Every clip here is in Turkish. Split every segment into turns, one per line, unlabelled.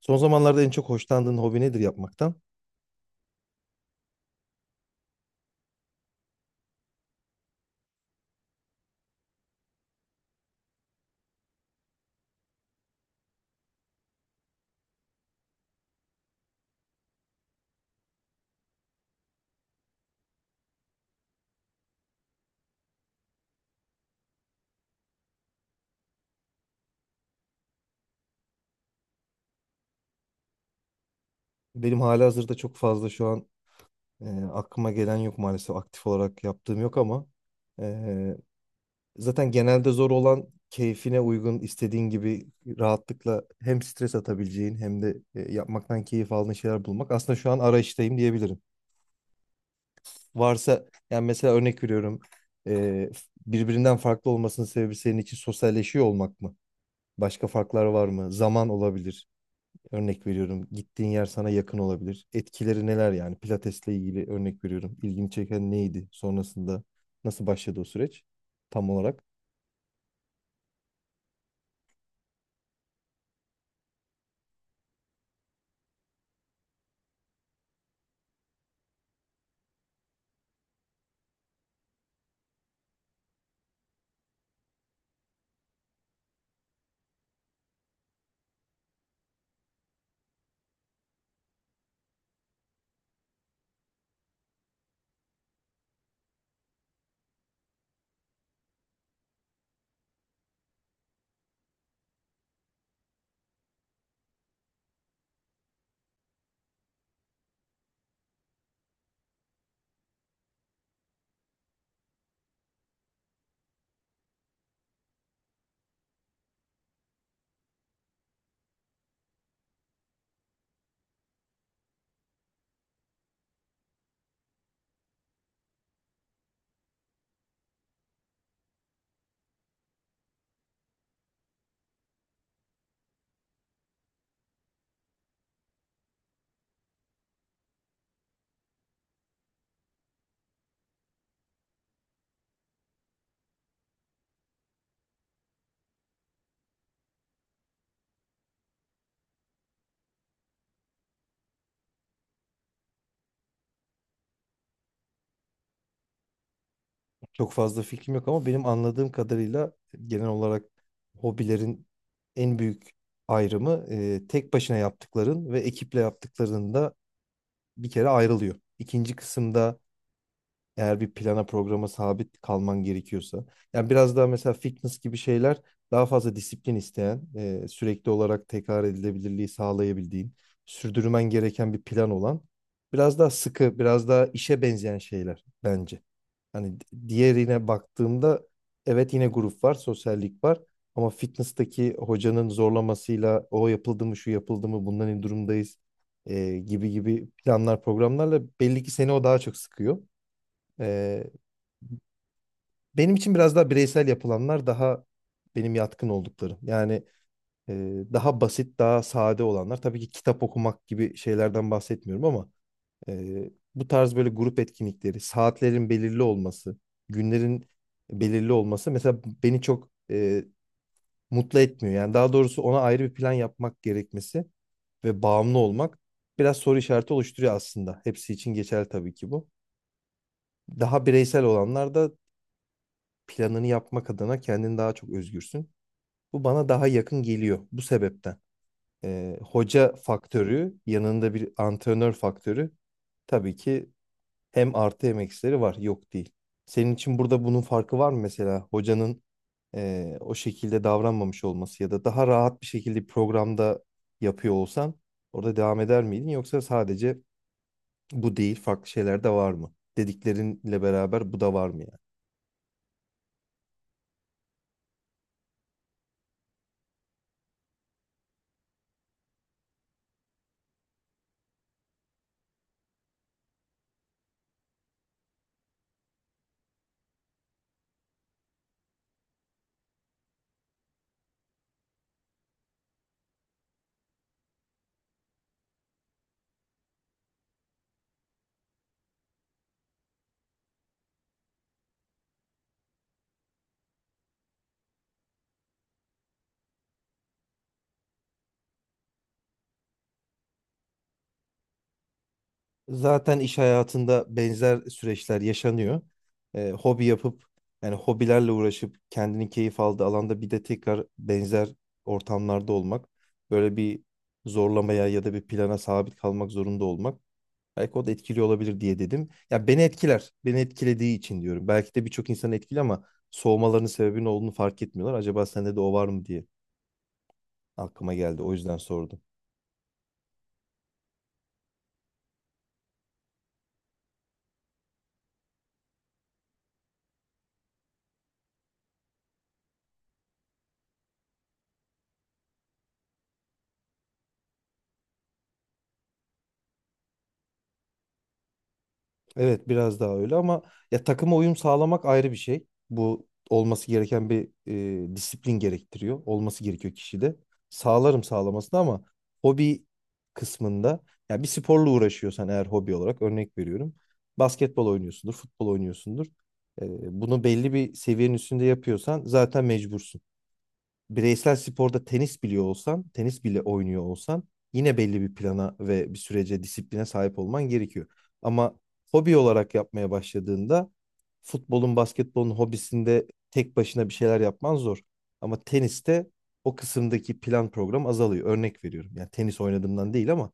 Son zamanlarda en çok hoşlandığın hobi nedir yapmaktan? Benim halihazırda çok fazla şu an e, aklıma gelen yok maalesef aktif olarak yaptığım yok ama e, zaten genelde zor olan keyfine uygun istediğin gibi rahatlıkla hem stres atabileceğin hem de yapmaktan keyif aldığın şeyler bulmak. Aslında şu an arayıştayım diyebilirim. Varsa yani mesela örnek veriyorum, e, birbirinden farklı olmasının sebebi senin için sosyalleşiyor olmak mı? Başka farklar var mı? Zaman olabilir. Örnek veriyorum, gittiğin yer sana yakın olabilir. Etkileri neler yani? Pilatesle ilgili örnek veriyorum. İlgini çeken neydi? Sonrasında nasıl başladı o süreç? Tam olarak. Çok fazla fikrim yok ama benim anladığım kadarıyla genel olarak hobilerin en büyük ayrımı, tek başına yaptıkların ve ekiple yaptıklarında bir kere ayrılıyor. İkinci kısımda eğer bir plana programa sabit kalman gerekiyorsa. Yani biraz daha mesela fitness gibi şeyler daha fazla disiplin isteyen, sürekli olarak tekrar edilebilirliği sağlayabildiğin, sürdürmen gereken bir plan olan, biraz daha sıkı, biraz daha işe benzeyen şeyler bence. Hani diğerine baktığımda evet yine grup var, sosyallik var. Ama fitness'taki hocanın zorlamasıyla o yapıldı mı, şu yapıldı mı, bundan ne durumdayız, gibi gibi planlar, programlarla belli ki seni o daha çok sıkıyor. E, benim için biraz daha bireysel yapılanlar daha benim yatkın olduklarım. Yani e, daha basit, daha sade olanlar. Tabii ki kitap okumak gibi şeylerden bahsetmiyorum ama bu tarz böyle grup etkinlikleri, saatlerin belirli olması, günlerin belirli olması mesela beni çok mutlu etmiyor. Yani daha doğrusu ona ayrı bir plan yapmak gerekmesi ve bağımlı olmak biraz soru işareti oluşturuyor aslında. Hepsi için geçerli tabii ki bu. Daha bireysel olanlar da planını yapmak adına kendin daha çok özgürsün. Bu bana daha yakın geliyor bu sebepten. Hoca faktörü, yanında bir antrenör faktörü tabii ki hem artı hem eksileri var. Yok değil. Senin için burada bunun farkı var mı mesela? Hocanın o şekilde davranmamış olması ya da daha rahat bir şekilde programda yapıyor olsan orada devam eder miydin? Yoksa sadece bu değil farklı şeyler de var mı? Dediklerinle beraber bu da var mı? Zaten iş hayatında benzer süreçler yaşanıyor. Hobi yapıp yani hobilerle uğraşıp kendini keyif aldığı alanda bir de tekrar benzer ortamlarda olmak, böyle bir zorlamaya ya da bir plana sabit kalmak zorunda olmak belki o da etkili olabilir diye dedim. Ya beni etkiler, beni etkilediği için diyorum. Belki de birçok insan etkili ama soğumalarının sebebinin olduğunu fark etmiyorlar. Acaba sende de o var mı diye aklıma geldi. O yüzden sordum. Evet biraz daha öyle ama ya takıma uyum sağlamak ayrı bir şey. Bu olması gereken bir disiplin gerektiriyor. Olması gerekiyor kişide. Sağlarım sağlamasını ama hobi kısmında ya bir sporla uğraşıyorsan eğer hobi olarak örnek veriyorum. Basketbol oynuyorsundur, futbol oynuyorsundur. E, bunu belli bir seviyenin üstünde yapıyorsan zaten mecbursun, bireysel sporda tenis biliyor olsan, tenis bile oynuyor olsan yine belli bir plana ve bir sürece, disipline sahip olman gerekiyor. Ama hobi olarak yapmaya başladığında futbolun, basketbolun hobisinde tek başına bir şeyler yapman zor. Ama teniste o kısımdaki plan program azalıyor. Örnek veriyorum. Yani tenis oynadığımdan değil ama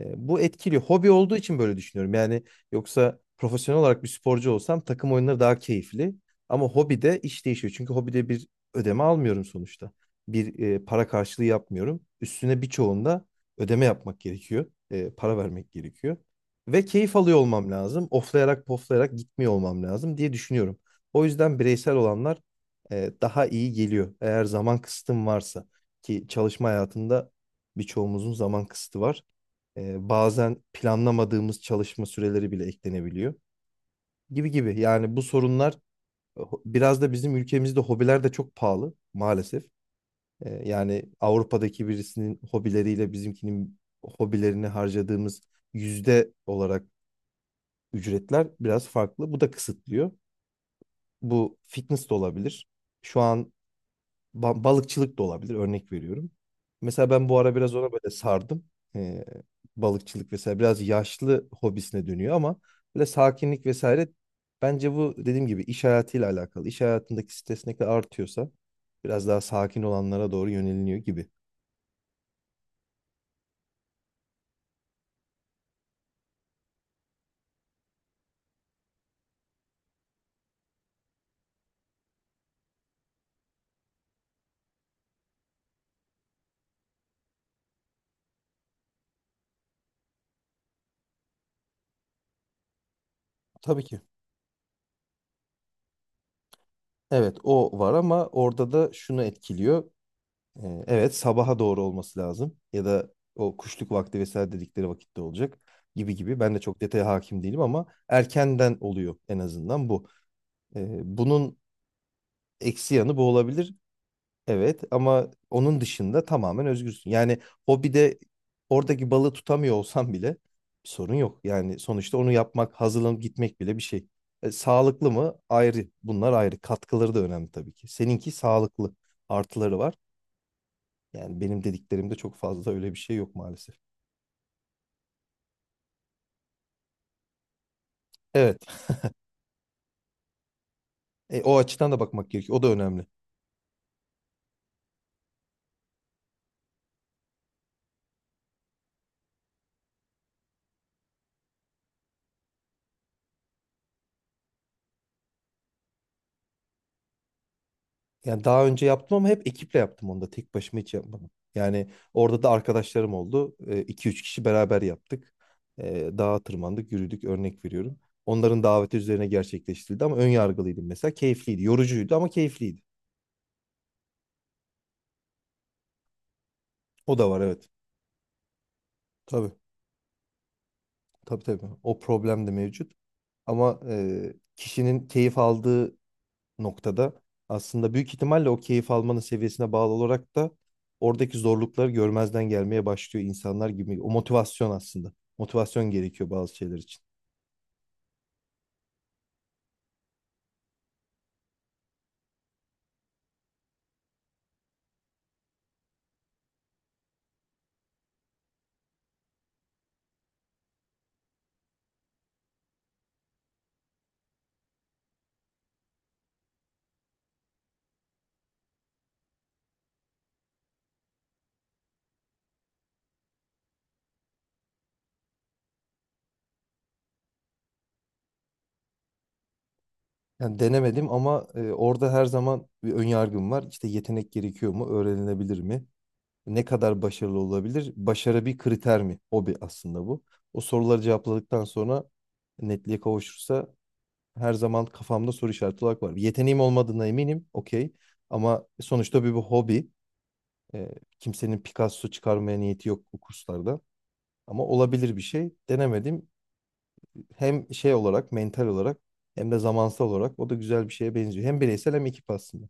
bu etkili. Hobi olduğu için böyle düşünüyorum. Yani yoksa profesyonel olarak bir sporcu olsam takım oyunları daha keyifli. Ama hobide iş değişiyor. Çünkü hobide bir ödeme almıyorum sonuçta. Bir para karşılığı yapmıyorum. Üstüne birçoğunda ödeme yapmak gerekiyor. Para vermek gerekiyor. Ve keyif alıyor olmam lazım. Oflayarak poflayarak gitmiyor olmam lazım diye düşünüyorum. O yüzden bireysel olanlar daha iyi geliyor. Eğer zaman kısıtım varsa ki çalışma hayatında birçoğumuzun zaman kısıtı var. Bazen planlamadığımız çalışma süreleri bile eklenebiliyor gibi gibi. Yani bu sorunlar, biraz da bizim ülkemizde hobiler de çok pahalı maalesef. Yani Avrupa'daki birisinin hobileriyle bizimkinin hobilerini harcadığımız yüzde olarak ücretler biraz farklı. Bu da kısıtlıyor. Bu fitness de olabilir. Şu an balıkçılık da olabilir örnek veriyorum. Mesela ben bu ara biraz ona böyle sardım. Ee, balıkçılık vesaire biraz yaşlı hobisine dönüyor ama böyle sakinlik vesaire bence bu dediğim gibi iş hayatıyla alakalı. İş hayatındaki stres ne kadar artıyorsa biraz daha sakin olanlara doğru yöneliniyor gibi. Tabii ki. Evet o var ama orada da şunu etkiliyor. Evet, sabaha doğru olması lazım ya da o kuşluk vakti vesaire dedikleri vakitte olacak gibi gibi. Ben de çok detaya hakim değilim ama erkenden oluyor en azından bu. Bunun eksi yanı bu olabilir. Evet ama onun dışında tamamen özgürsün. Yani hobide oradaki balığı tutamıyor olsam bile bir sorun yok. Yani sonuçta onu yapmak, hazırlanıp gitmek bile bir şey. Sağlıklı mı? Ayrı. Bunlar ayrı. Katkıları da önemli tabii ki. Seninki sağlıklı. Artıları var. Yani benim dediklerimde çok fazla öyle bir şey yok maalesef. Evet. O açıdan da bakmak gerekiyor. O da önemli. Yani daha önce yaptım ama hep ekiple yaptım onu da. Tek başıma hiç yapmadım. Yani orada da arkadaşlarım oldu. iki üç kişi beraber yaptık. Dağa tırmandık, yürüdük. Örnek veriyorum. Onların daveti üzerine gerçekleştirildi ama ön yargılıydım mesela. Keyifliydi. Yorucuydu ama keyifliydi. O da var evet. Tabii. Tabii tabii. O problem de mevcut. Ama kişinin keyif aldığı noktada aslında büyük ihtimalle o keyif almanın seviyesine bağlı olarak da oradaki zorlukları görmezden gelmeye başlıyor insanlar gibi. O motivasyon aslında. Motivasyon gerekiyor bazı şeyler için. Yani denemedim ama orada her zaman bir ön yargım var. İşte yetenek gerekiyor mu? Öğrenilebilir mi? Ne kadar başarılı olabilir? Başarı bir kriter mi? Hobi aslında bu. O soruları cevapladıktan sonra netliğe kavuşursa her zaman kafamda soru işareti olarak var. Yeteneğim olmadığına eminim. Okey. Ama sonuçta bir hobi. E, kimsenin Picasso çıkarmaya niyeti yok bu kurslarda. Ama olabilir bir şey. Denemedim. Hem şey olarak, mental olarak hem de zamansal olarak o da güzel bir şeye benziyor. Hem bireysel hem ekip aslında.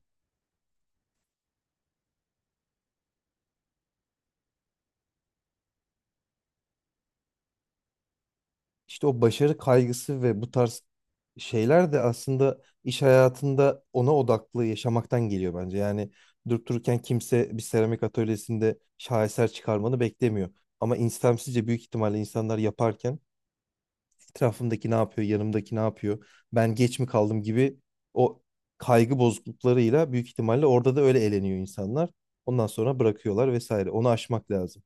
İşte o başarı kaygısı ve bu tarz şeyler de aslında iş hayatında ona odaklı yaşamaktan geliyor bence. Yani durup dururken kimse bir seramik atölyesinde şaheser çıkarmanı beklemiyor. Ama istemsizce büyük ihtimalle insanlar yaparken etrafımdaki ne yapıyor, yanımdaki ne yapıyor, ben geç mi kaldım gibi o kaygı bozukluklarıyla büyük ihtimalle orada da öyle eğleniyor insanlar. Ondan sonra bırakıyorlar vesaire. Onu aşmak lazım.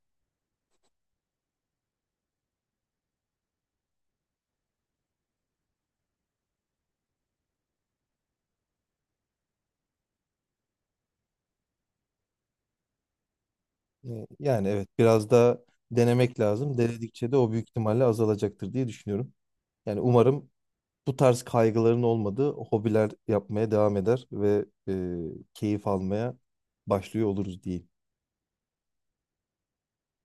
Yani evet biraz da denemek lazım. Denedikçe de o büyük ihtimalle azalacaktır diye düşünüyorum. Yani umarım bu tarz kaygıların olmadığı hobiler yapmaya devam eder ve keyif almaya başlıyor oluruz diyeyim.